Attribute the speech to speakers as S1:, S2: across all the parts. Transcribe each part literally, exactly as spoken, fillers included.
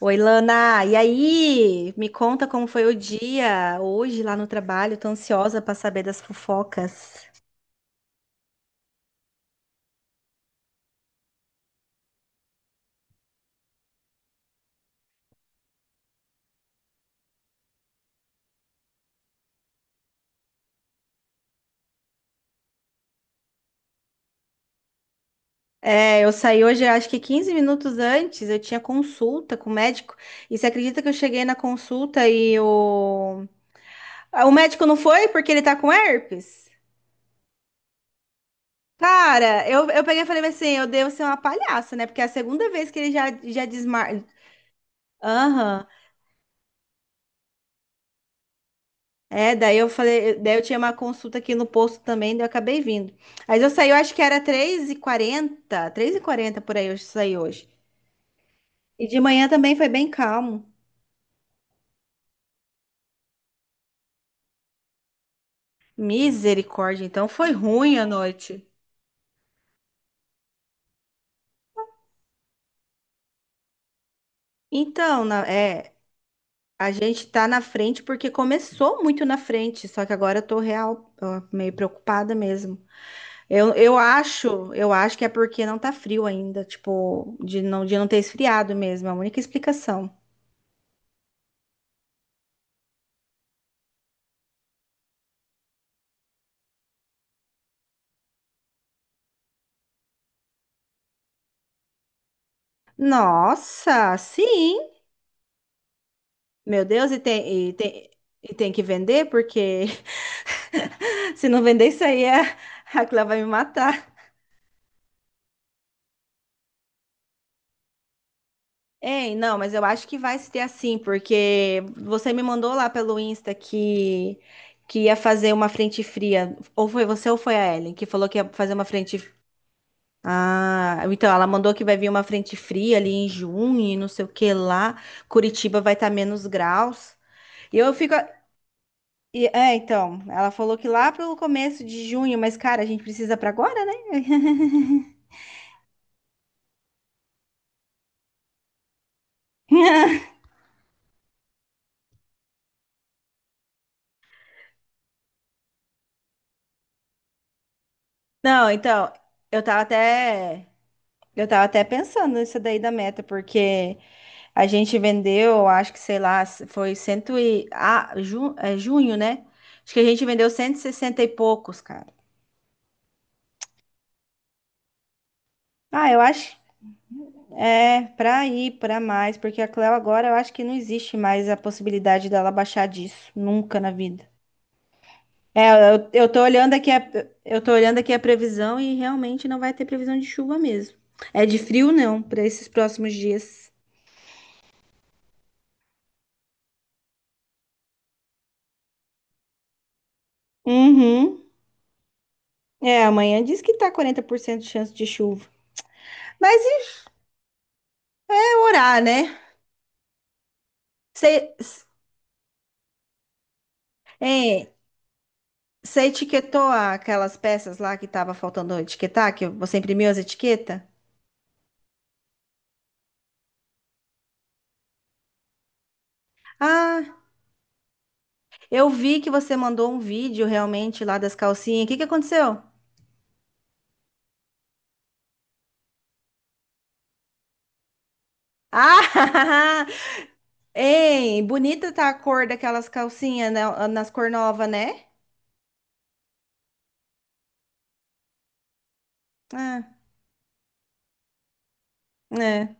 S1: Oi, Lana. E aí? Me conta como foi o dia hoje lá no trabalho. Tô ansiosa para saber das fofocas. É, eu saí hoje, acho que quinze minutos antes, eu tinha consulta com o médico. E você acredita que eu cheguei na consulta e o, ah, o médico não foi porque ele tá com herpes? Cara, eu, eu peguei e falei assim, eu devo ser uma palhaça, né? Porque é a segunda vez que ele já, já desmarca. É, daí eu falei, daí eu tinha uma consulta aqui no posto também, daí eu acabei vindo. Mas eu saí, eu acho que era três e quarenta, três e quarenta por aí, eu saí hoje. E de manhã também foi bem calmo. Misericórdia, então foi ruim a noite. Então, na- é, a gente tá na frente porque começou muito na frente, só que agora eu tô real, ó, meio preocupada mesmo. Eu, eu acho, eu acho que é porque não tá frio ainda, tipo, de não, de não ter esfriado mesmo, é a única explicação. Nossa, sim! Meu Deus, e tem, e tem, e tem que vender, porque se não vender isso aí, a a Cleo vai me matar. Ei, não, mas eu acho que vai ser assim, porque você me mandou lá pelo Insta que, que ia fazer uma frente fria. Ou foi você ou foi a Ellen que falou que ia fazer uma frente. Ah, então ela mandou que vai vir uma frente fria ali em junho e não sei o que lá. Curitiba vai estar menos graus. E eu fico, E, é, então, ela falou que lá pro começo de junho, mas cara, a gente precisa pra agora, né? Não, então, eu tava até eu tava até pensando nisso daí da meta, porque a gente vendeu, acho que sei lá, foi cento e ah, ju, é, junho, né? Acho que a gente vendeu cento e sessenta e sessenta e poucos, cara. Ah, eu acho é pra ir pra mais, porque a Cleo agora eu acho que não existe mais a possibilidade dela baixar disso, nunca na vida. É, eu, eu tô olhando aqui a, eu tô olhando aqui a previsão e realmente não vai ter previsão de chuva mesmo. É de frio não, para esses próximos dias. Uhum. É, amanhã diz que tá quarenta por cento de chance de chuva. Mas e vai orar, né? Você, é, você etiquetou aquelas peças lá que tava faltando etiquetar, que você imprimiu as etiquetas? Ah, eu vi que você mandou um vídeo realmente lá das calcinhas. O que que aconteceu? Ah, Ei, bonita tá a cor daquelas calcinhas na- nas cor nova, né? Ah, é.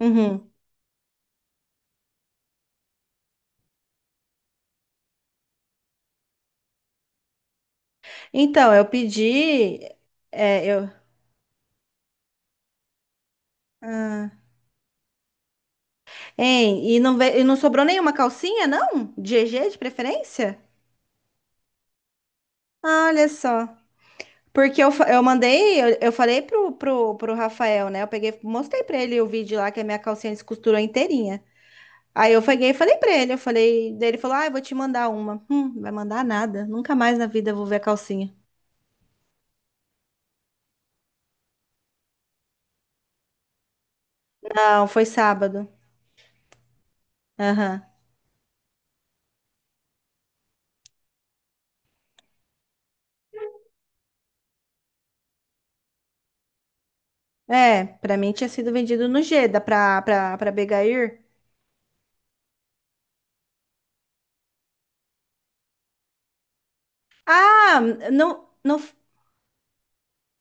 S1: Uhum. Então, eu pedi. É, eu. Ah. Ei, e não, ve- e não sobrou nenhuma calcinha, não? De G G de preferência? Ah, olha só. Porque eu, fa- eu mandei, eu, eu falei pro, pro, pro Rafael, né? Eu peguei, mostrei pra ele o vídeo lá que a minha calcinha descosturou inteirinha. Aí eu peguei e falei pra ele, eu falei, daí ele falou, ah, eu vou te mandar uma. Hum, vai mandar nada, nunca mais na vida eu vou ver a calcinha. Não, foi sábado. Aham. É, pra mim tinha sido vendido no Geda pra, pra, pra Begair. Ah, não, não,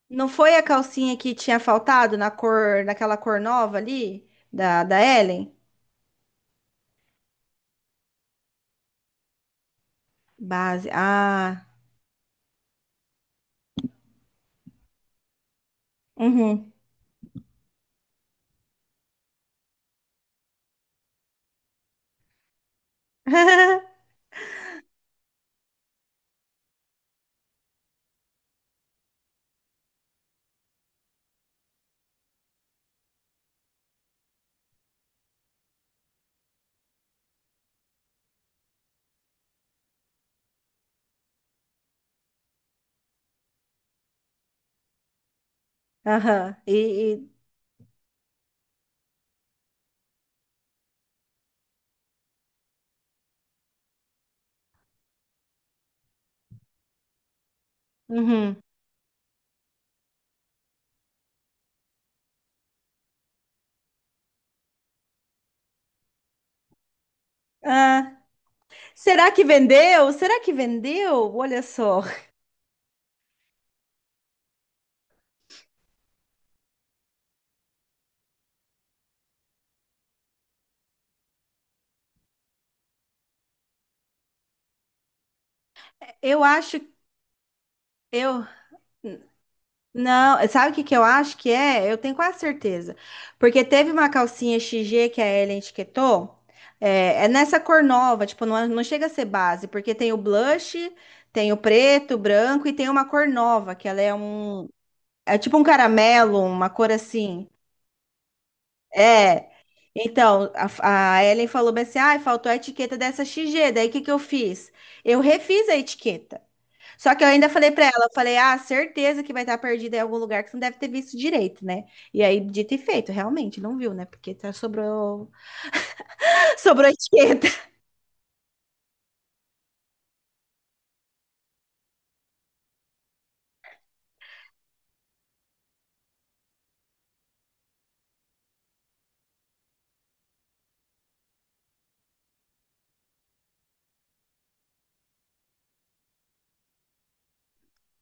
S1: não foi a calcinha que tinha faltado na cor, naquela cor nova ali? Da, da Ellen? Base. Ah. Uhum. Aham. E, e- uhum. Ah, será que vendeu? Será que vendeu? Olha só. Eu acho. Eu. Não, sabe o que que eu acho que é? Eu tenho quase certeza. Porque teve uma calcinha X G que a Ellen etiquetou. É, é nessa cor nova, tipo, não, é- não chega a ser base, porque tem o blush, tem o preto, o branco e tem uma cor nova, que ela é um. É tipo um caramelo, uma cor assim. É. Então, a, a Ellen falou bem assim: ai, faltou a etiqueta dessa X G. Daí o que que eu fiz? Eu refiz a etiqueta. Só que eu ainda falei pra ela, eu falei, ah, certeza que vai estar perdida em algum lugar que você não deve ter visto direito, né? E aí, dito e feito, realmente, não viu, né? Porque tá- sobrou, sobrou etiqueta.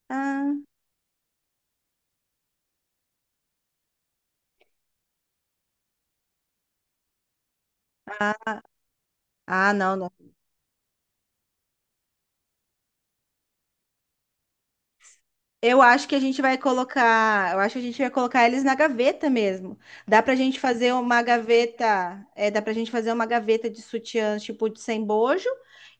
S1: Ah, ah, não, não. Eu acho que a gente vai colocar, eu acho que a gente vai colocar eles na gaveta mesmo. Dá pra gente fazer uma gaveta, é, dá pra gente fazer uma gaveta de sutiãs, tipo, de sem bojo,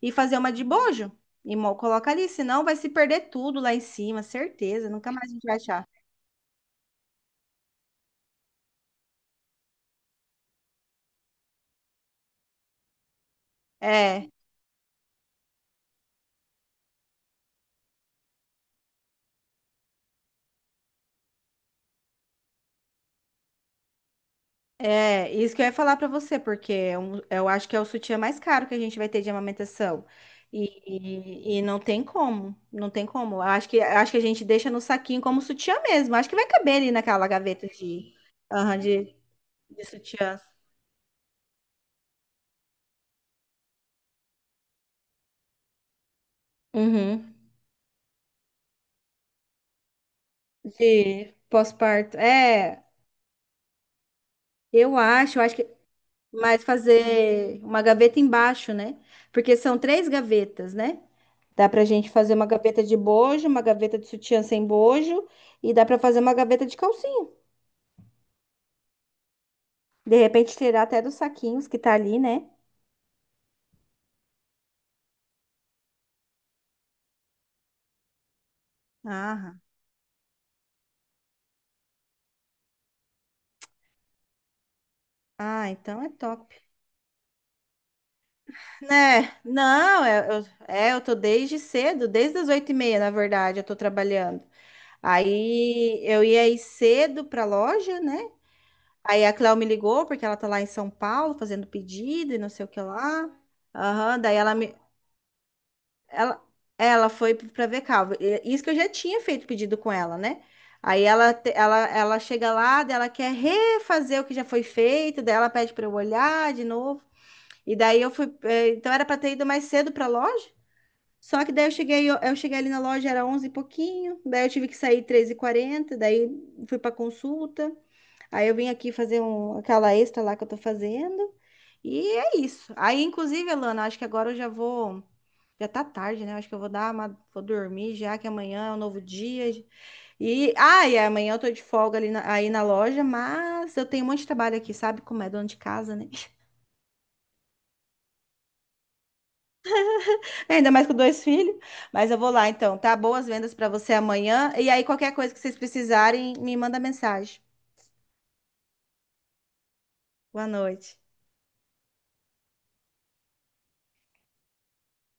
S1: e fazer uma de bojo. E mo- coloca ali, senão vai se perder tudo lá em cima, certeza, nunca mais a gente vai achar. É. É, isso que eu ia falar pra você, porque é um- eu acho que é o sutiã mais caro que a gente vai ter de amamentação. E, e, e não tem como, não tem como. Eu acho que, acho que a gente deixa no saquinho como sutiã mesmo. Acho que vai caber ali naquela gaveta de, aham, de, de sutiã. Uhum. De pós-parto. É, eu acho, eu acho que. Mas fazer uma gaveta embaixo, né? Porque são três gavetas, né? Dá pra gente fazer uma gaveta de bojo, uma gaveta de sutiã sem bojo e dá pra fazer uma gaveta de calcinha. De repente tirar até dos saquinhos que tá ali, né? Ah, ah, então é top. Né? Não, é, eu, é, eu tô desde cedo, desde as oito e meia, na verdade, eu tô trabalhando. Aí eu ia ir cedo pra loja, né? Aí a Cléo me ligou, porque ela tá lá em São Paulo fazendo pedido e não sei o que lá. Aham, daí ela me. Ela, ela foi pra ver Calvo. E- Isso que eu já tinha feito pedido com ela, né? Aí ela, te- ela, ela chega lá, daí ela quer refazer o que já foi feito, daí ela pede pra eu olhar de novo. E daí eu fui. eh, Então era pra ter ido mais cedo pra loja. Só que daí eu cheguei, eu, eu cheguei ali na loja, era onze e pouquinho. Daí eu tive que sair três e quarenta, daí fui pra consulta. Aí eu vim aqui fazer um, aquela extra lá que eu tô fazendo. E é isso. Aí, inclusive, Alana, acho que agora eu já vou. Já tá tarde, né? Acho que eu vou dar uma, vou dormir já, que amanhã é um novo dia. E, ah, e amanhã eu tô de folga ali na- aí na loja, mas eu tenho um monte de trabalho aqui, sabe? Como é dona de casa, né? Ainda mais com dois filhos. Mas eu vou lá então, tá? Boas vendas pra você amanhã. E aí, qualquer coisa que vocês precisarem, me manda mensagem. Boa noite.